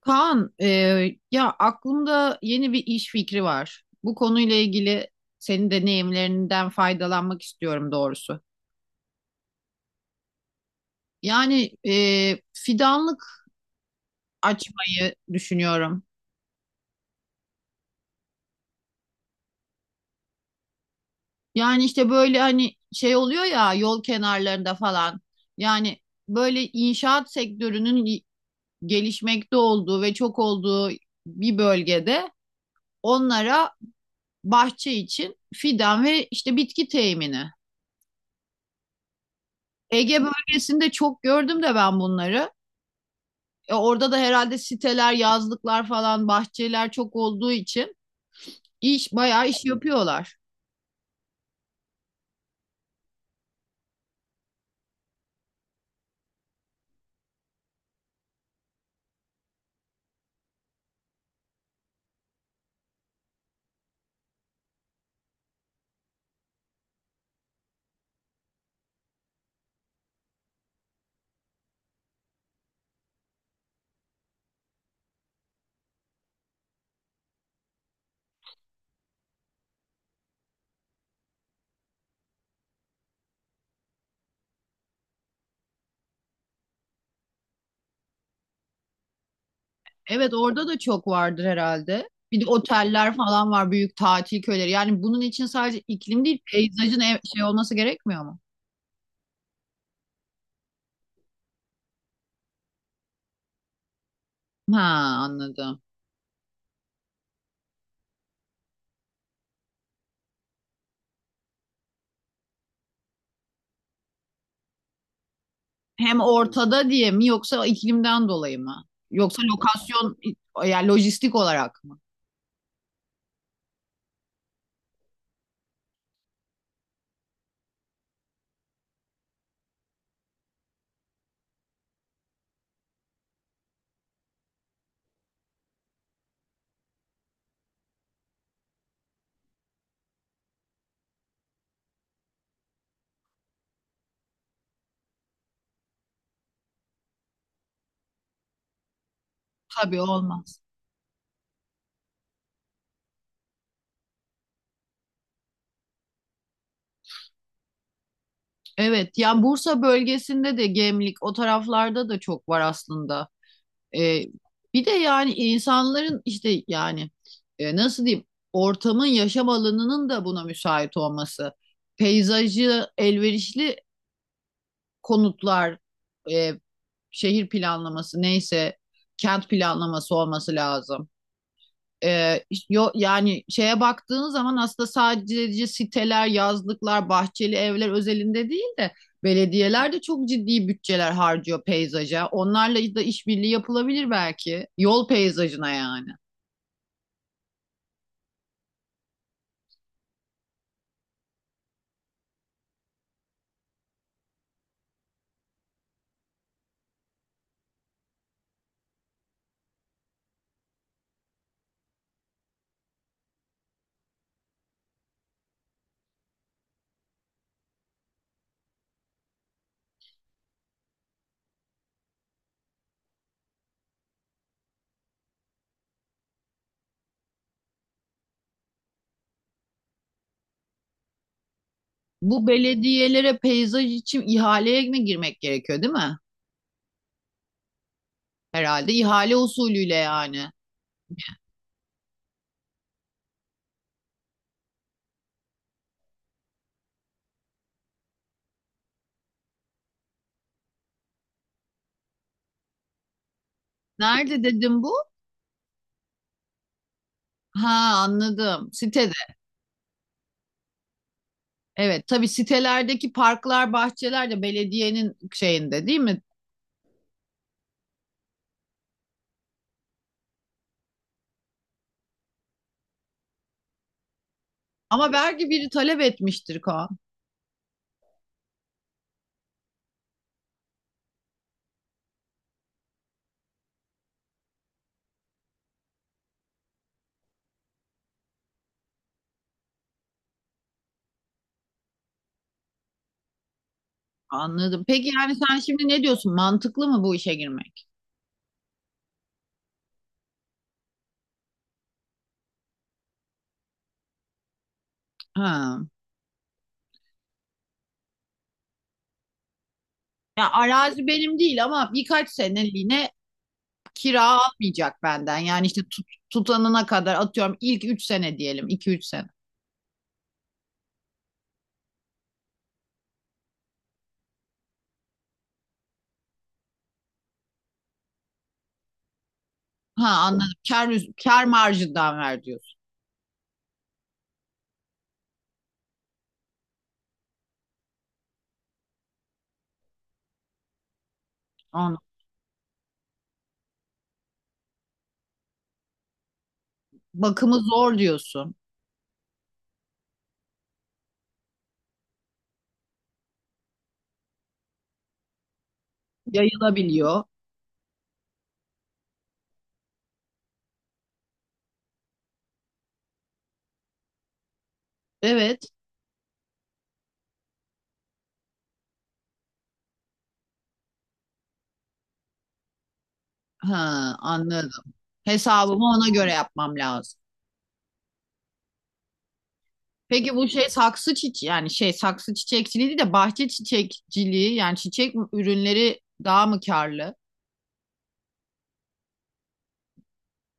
Kaan, ya aklımda yeni bir iş fikri var. Bu konuyla ilgili senin deneyimlerinden faydalanmak istiyorum doğrusu. Yani fidanlık açmayı düşünüyorum. Yani işte böyle hani şey oluyor ya yol kenarlarında falan. Yani böyle inşaat sektörünün gelişmekte olduğu ve çok olduğu bir bölgede onlara bahçe için fidan ve işte bitki temini. Ege bölgesinde çok gördüm de ben bunları. Orada da herhalde siteler, yazlıklar falan, bahçeler çok olduğu için bayağı iş yapıyorlar. Evet orada da çok vardır herhalde. Bir de oteller falan var, büyük tatil köyleri. Yani bunun için sadece iklim değil, peyzajın şey olması gerekmiyor mu? Ha, anladım. Hem ortada diye mi yoksa iklimden dolayı mı? Yoksa lokasyon yani lojistik olarak mı? Tabii olmaz. Evet, yani Bursa bölgesinde de Gemlik o taraflarda da çok var aslında. Ee, bir de yani insanların işte yani nasıl diyeyim ortamın yaşam alanının da buna müsait olması. Peyzajı elverişli konutlar, e, şehir planlaması neyse kent planlaması olması lazım. Ee, yani şeye baktığın zaman aslında sadece siteler, yazlıklar, bahçeli evler özelinde değil de belediyeler de çok ciddi bütçeler harcıyor peyzaja. Onlarla da işbirliği yapılabilir belki. Yol peyzajına yani. Bu belediyelere peyzaj için ihaleye mi girmek gerekiyor, değil mi? Herhalde ihale usulüyle yani. Nerede dedim bu? Ha, anladım. Sitede. Evet, tabii sitelerdeki parklar, bahçeler de belediyenin şeyinde değil mi? Ama belki biri talep etmiştir Kaan. Anladım. Peki yani sen şimdi ne diyorsun? Mantıklı mı bu işe girmek? Ha. Ya arazi benim değil ama birkaç seneliğine kira almayacak benden. Yani işte tutanına kadar atıyorum ilk 3 sene diyelim. 2 3 sene. Ha, anladım. Kar, kar marjından ver diyorsun. Anladım. Bakımı zor diyorsun. Yayılabiliyor. Evet. Ha, anladım. Hesabımı ona göre yapmam lazım. Peki bu şey saksı çiçeği yani şey saksı çiçekçiliği değil de bahçe çiçekçiliği yani çiçek ürünleri daha mı karlı?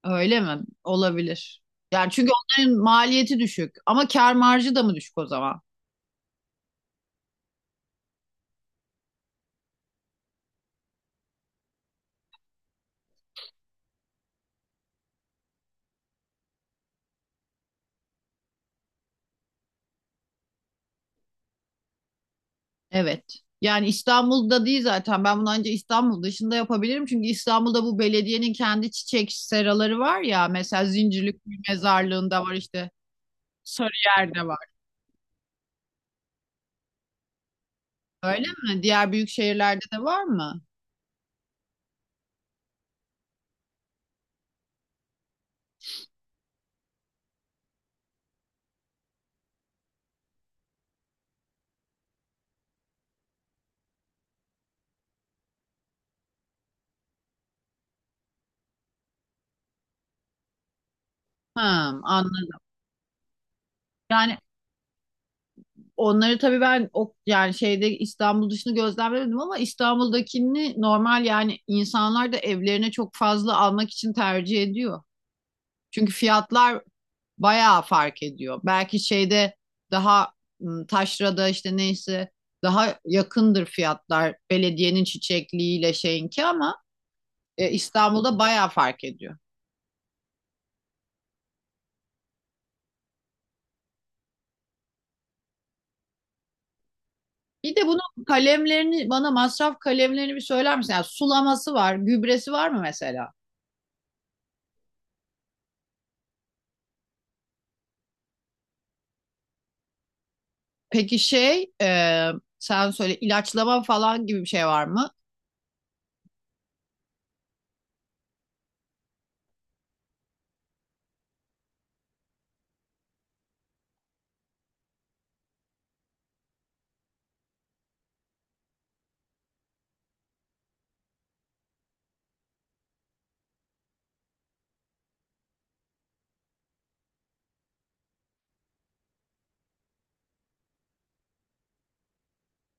Öyle mi? Olabilir. Yani çünkü onların maliyeti düşük ama kâr marjı da mı düşük o zaman? Evet. Yani İstanbul'da değil zaten. Ben bunu ancak İstanbul dışında yapabilirim. Çünkü İstanbul'da bu belediyenin kendi çiçek seraları var ya. Mesela Zincirlikuyu Mezarlığı'nda var işte. Sarıyer'de var. Öyle mi? Diğer büyük şehirlerde de var mı? Ha, anladım. Yani onları tabii ben o yani şeyde İstanbul dışını gözlemlemedim ama İstanbul'dakini normal yani insanlar da evlerine çok fazla almak için tercih ediyor. Çünkü fiyatlar bayağı fark ediyor. Belki şeyde daha taşrada işte neyse daha yakındır fiyatlar belediyenin çiçekliğiyle şeyinki ama İstanbul'da bayağı fark ediyor. Bir de bunun kalemlerini bana masraf kalemlerini bir söyler misin? Yani sulaması var, gübresi var mı mesela? Peki şey sen söyle ilaçlama falan gibi bir şey var mı?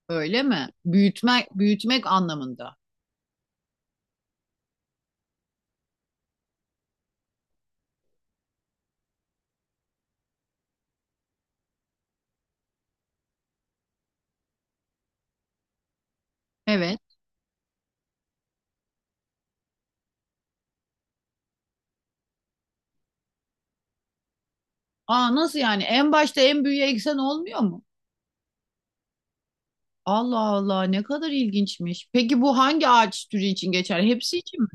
Öyle mi? Büyütmek anlamında. Evet. Aa, nasıl yani? En başta en büyüğe eksen olmuyor mu? Allah Allah, ne kadar ilginçmiş. Peki bu hangi ağaç türü için geçer? Hepsi için mi?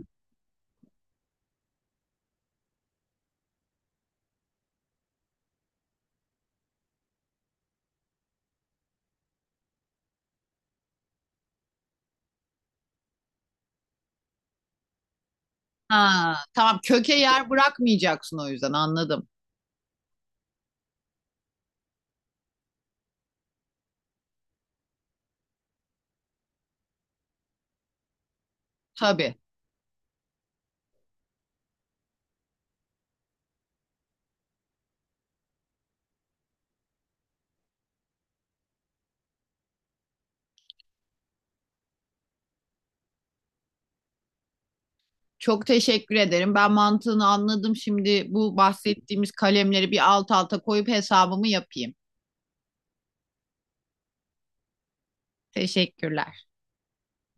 Ha, tamam, köke yer bırakmayacaksın o yüzden, anladım. Tabii. Çok teşekkür ederim. Ben mantığını anladım. Şimdi bu bahsettiğimiz kalemleri bir alt alta koyup hesabımı yapayım. Teşekkürler.